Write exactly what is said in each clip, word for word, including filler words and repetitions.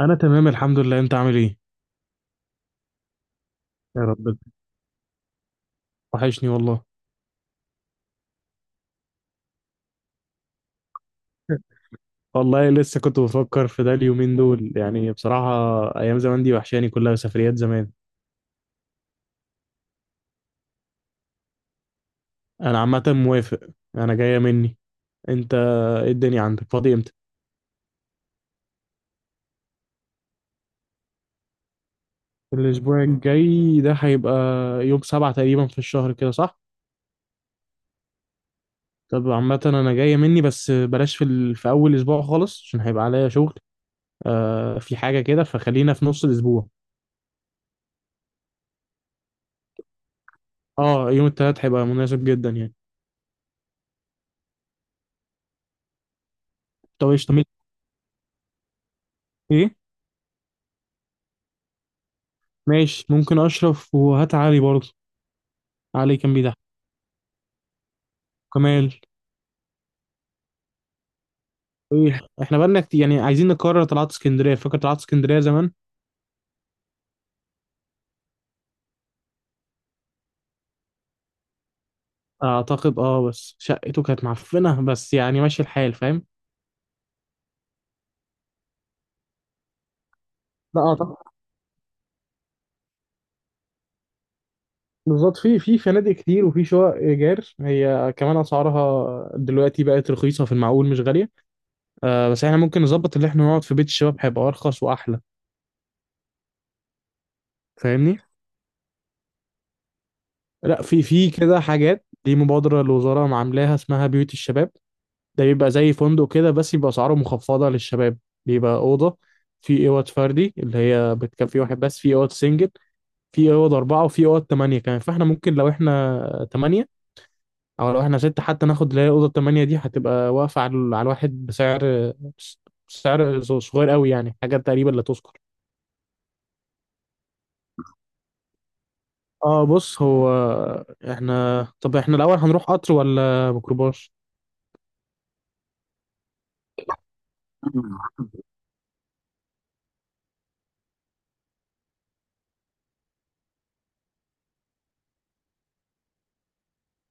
انا تمام، الحمد لله. انت عامل ايه؟ يا رب. وحشني والله. والله لسه كنت بفكر في ده اليومين دول، يعني بصراحة. ايام زمان دي وحشاني، كلها سفريات زمان. انا عامة موافق. انا جاية مني. انت؟ ايه الدنيا، عندك فاضي امتى؟ الاسبوع الجاي ده هيبقى يوم سبعة تقريبا في الشهر، كده صح؟ طب عامة انا جاية مني، بس بلاش في, ال... في اول اسبوع خالص عشان هيبقى عليا شغل. آه، في حاجة كده فخلينا في نص الاسبوع. اه، يوم التلات هيبقى مناسب جدا يعني. طب ايش طب ايه؟ ماشي، ممكن اشرف وهات علي برضه. علي كان بيضحك. كمال. إيه، احنا بقالنا كتير يعني، عايزين نكرر طلعت اسكندريه. فاكر طلعت اسكندريه زمان؟ اعتقد، اه بس شقته كانت معفنه، بس يعني ماشي الحال، فاهم؟ لا اعتقد. بالظبط، في في فنادق كتير وفي شقق ايجار، هي كمان اسعارها دلوقتي بقت رخيصه، في المعقول مش غاليه. آه، بس احنا ممكن نظبط اللي احنا نقعد في بيت الشباب، هيبقى ارخص واحلى. فاهمني؟ لا، في في كده حاجات دي مبادره الوزاره عاملاها، اسمها بيوت الشباب. ده بيبقى زي فندق كده، بس يبقى اسعاره مخفضه للشباب. بيبقى اوضه. في اوض فردي اللي هي بتكفي في واحد بس، في اوض سنجل. في اوض اربعه وفي اوض ثمانيه كمان، فاحنا ممكن لو احنا ثمانيه، او لو احنا سته حتى، ناخد اللي هي الاوضه الثمانيه دي، هتبقى واقفه على على الواحد بسعر سعر صغير قوي، يعني حاجه تقريبا لا تذكر. اه بص، هو احنا طب احنا الاول هنروح قطر ولا ميكروباص؟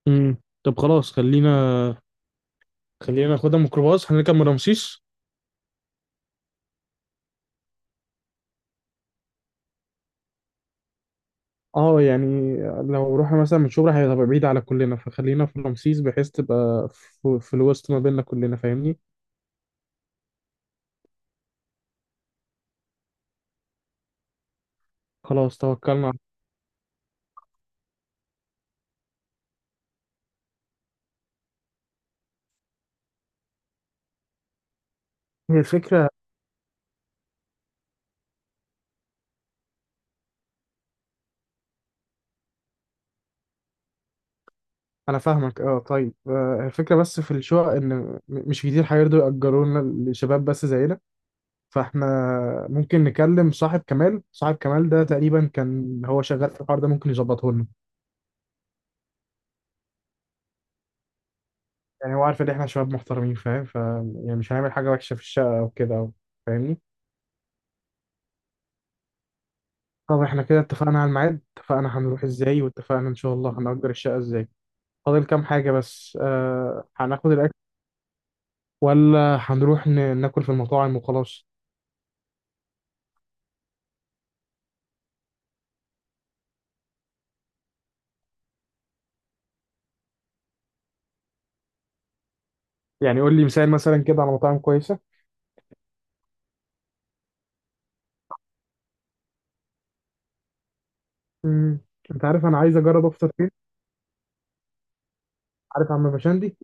امم طب خلاص، خلينا خلينا ناخدها ميكروباص، هنركب من رمسيس. اه يعني، لو رحنا مثلا من شبرا هيبقى بعيد على كلنا، فخلينا في رمسيس بحيث تبقى في, في الوسط ما بيننا كلنا، فاهمني؟ خلاص. توكلنا على- هي الفكرة. أنا فاهمك. أه، طيب. آه، الفكرة بس في الشقق إن م- مش كتير هيرضوا يأجرونا لشباب بس زينا. فإحنا ممكن نكلم صاحب كمال صاحب كمال ده، تقريبا كان هو شغال في الحوار ده، ممكن يظبطه لنا. يعني هو عارف إن إحنا شباب محترمين، فاهم؟ ف يعني مش هنعمل حاجة وحشة في الشقة أو كده أو. فاهمني؟ طب احنا كده اتفقنا على الميعاد، اتفقنا هنروح ازاي، واتفقنا ان شاء الله هنأجر الشقة ازاي. فاضل كام حاجة بس، آه هناخد الأكل ولا هنروح ن- ناكل في المطاعم وخلاص؟ يعني قول لي مثال مثلا كده على مطاعم كويسة. امم انت عارف انا عايز اجرب افطر فين؟ عارف عم بشندي؟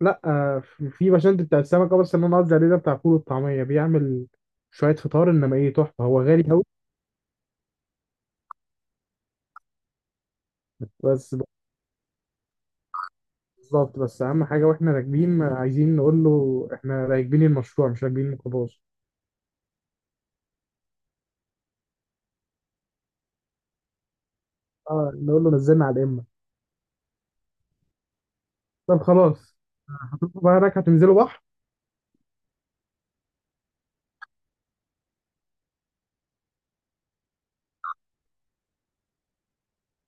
لا، آه في في بشندي بتاع السمك، آه، بس اللي انا قصدي عليه ده بتاع فول والطعمية، بيعمل شوية فطار، انما ايه تحفة، هو غالي قوي. بس، بالظبط، بس اهم حاجة، واحنا راكبين عايزين نقول له احنا راكبين المشروع مش راكبين الميكروباص. اه، نقول له نزلنا على الامه. طب خلاص. هتروحوا بقى هناك، هتنزلوا بحر؟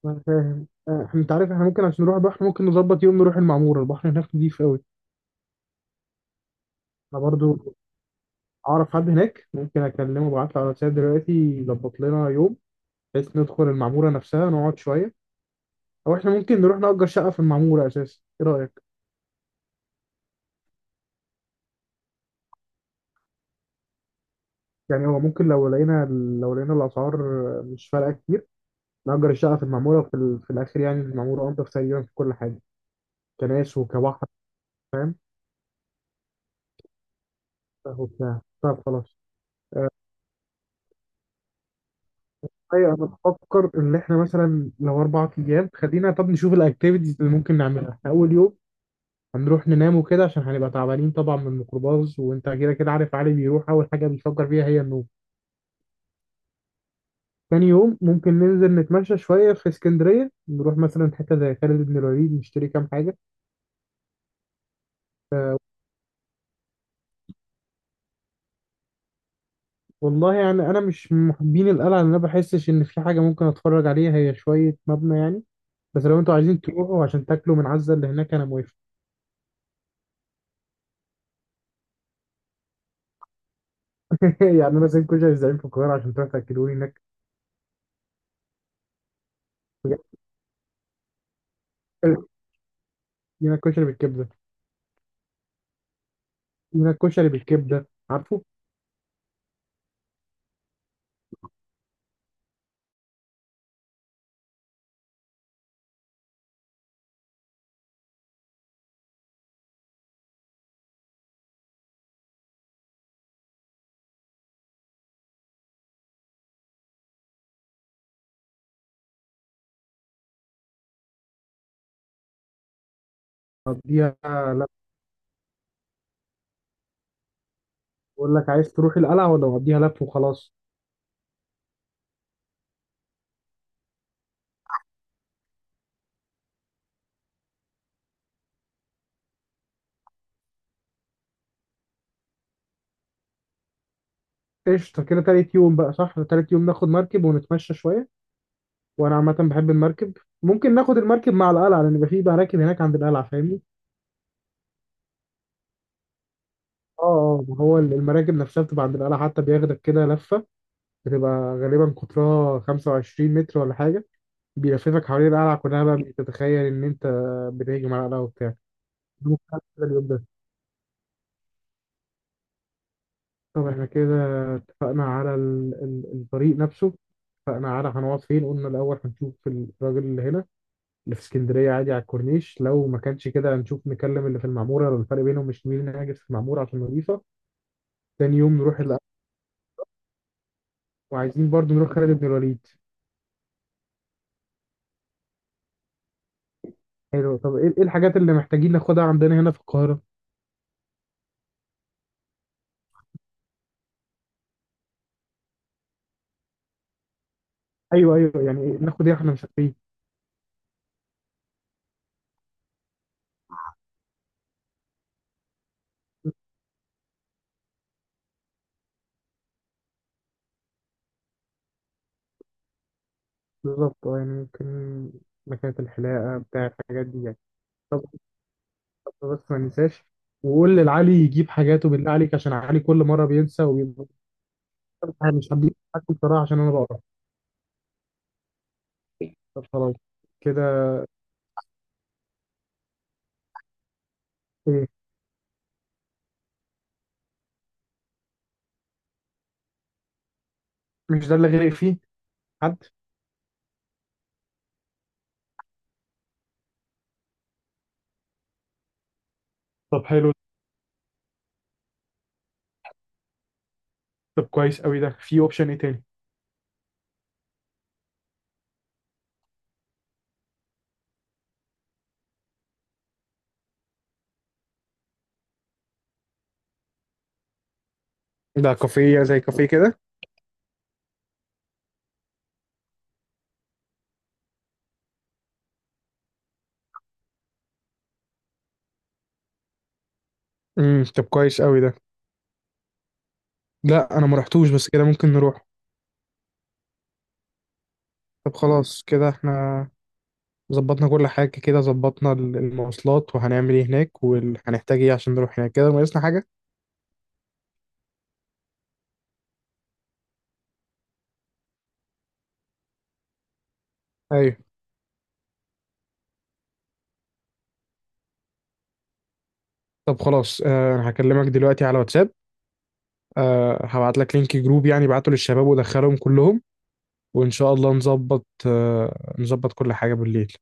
انا فاهم. آه، احنا، انت عارف، احنا ممكن عشان نروح البحر، ممكن نظبط يوم نروح المعموره، البحر هناك نضيف قوي. انا برضو اعرف حد هناك، ممكن اكلمه ابعت له على واتساب دلوقتي، يظبط لنا يوم، بحيث ندخل المعموره نفسها، نقعد شويه. او احنا ممكن نروح نأجر شقه في المعموره اساسا، ايه رايك؟ يعني هو ممكن لو لقينا لو لقينا الاسعار مش فارقه كتير، نأجر الشقه في المعموره في, ال... في الاخر، يعني المعموره انضف تقريبا في كل حاجه، كناس وكبحر. وبتاع. طب خلاص. ايوه، انا بفكر ان احنا مثلا لو اربع ايام، خلينا طب نشوف الاكتيفيتيز اللي ممكن نعملها. احنا اول يوم هنروح ننام وكده، عشان هنبقى تعبانين طبعا من الميكروباص، وانت كده كده عارف، علي بيروح اول حاجه بيفكر فيها هي النوم. تاني يوم ممكن ننزل نتمشى شويه في اسكندريه، نروح مثلا حته زي خالد بن الوليد، نشتري كام حاجه. والله يعني انا مش من محبين القلعه، لان انا بحسش ان في حاجه ممكن اتفرج عليها، هي شويه مبنى يعني. بس لو انتوا عايزين تروحوا عشان تاكلوا من عزة اللي هناك، انا موافق. يعني انا زي كل زعيم في القاهره عشان تروح تاكلوني هناك. لينا الكشري بالكبده؟ لينا الكشري بالكبده، عارفه؟ قضيها. لف. بقول لك، عايز تروح القلعه ولا نقضيها لف وخلاص؟ قشطه كده، تالت يوم بقى، صح؟ تالت يوم ناخد مركب ونتمشى شويه، وانا عامه بحب المركب. ممكن ناخد المركب مع القلعه، لان يبقى في مراكب هناك عند القلعه، فاهمني؟ اه، اه، ما هو المراكب نفسها بتبقى عند القلعه، حتى بياخدك كده لفه. بتبقى غالبا قطرها خمسة وعشرين متر ولا حاجه، بيلففك حوالين القلعه كلها، بقى بتتخيل ان انت بتهجم على القلعه وبتاع. ده ممكن نعمل كده اليوم ده. طب احنا كده اتفقنا على ال- ال- الطريق نفسه، اتفقنا على هنقعد فين، قلنا الأول هنشوف الراجل اللي هنا اللي في اسكندرية عادي على الكورنيش، لو ما كانش كده هنشوف نكلم اللي في المعمورة، لو الفرق بينهم مش، مين هاجس في المعمورة عشان نضيفة. تاني يوم نروح الأ- وعايزين برضو نروح خالد بن الوليد. حلو. طب ايه إيه الحاجات اللي محتاجين ناخدها عندنا هنا في القاهرة؟ أيوه، أيوه، يعني إيه ناخد، ايه احنا مسافرين؟ بالظبط، اه يعني ممكن مكانة الحلاقة، بتاع الحاجات دي يعني. طب طب بس ما ننساش، وقول للعلي يجيب حاجاته بالله عليك، عشان علي كل مرة بينسى وبيبقى. أنا مش هديك حد بصراحة، عشان أنا بقرا. طب خلاص كده. إيه؟ مش ده اللي غرق فيه حد؟ طب حلو. طب كويس قوي ده، في أوبشن إيه تاني؟ ده كافيه زي كافيه كده؟ امم طب كويس قوي ده. لا، أنا ما رحتوش، بس كده ممكن نروح. طب خلاص. كده إحنا ظبطنا كل حاجة، كده ظبطنا ال- المواصلات وهنعمل إيه هناك وهنحتاج إيه عشان نروح هناك، كده ناقصنا حاجة؟ أيوه. طب خلاص. آه، أنا هكلمك دلوقتي على واتساب. أه هبعت لك لينك جروب، يعني بعته للشباب ودخلهم كلهم. وإن شاء الله نظبط آه، نظبط كل حاجة بالليل.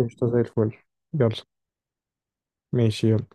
قشطة زي الفل. يلا. ماشي، يلا.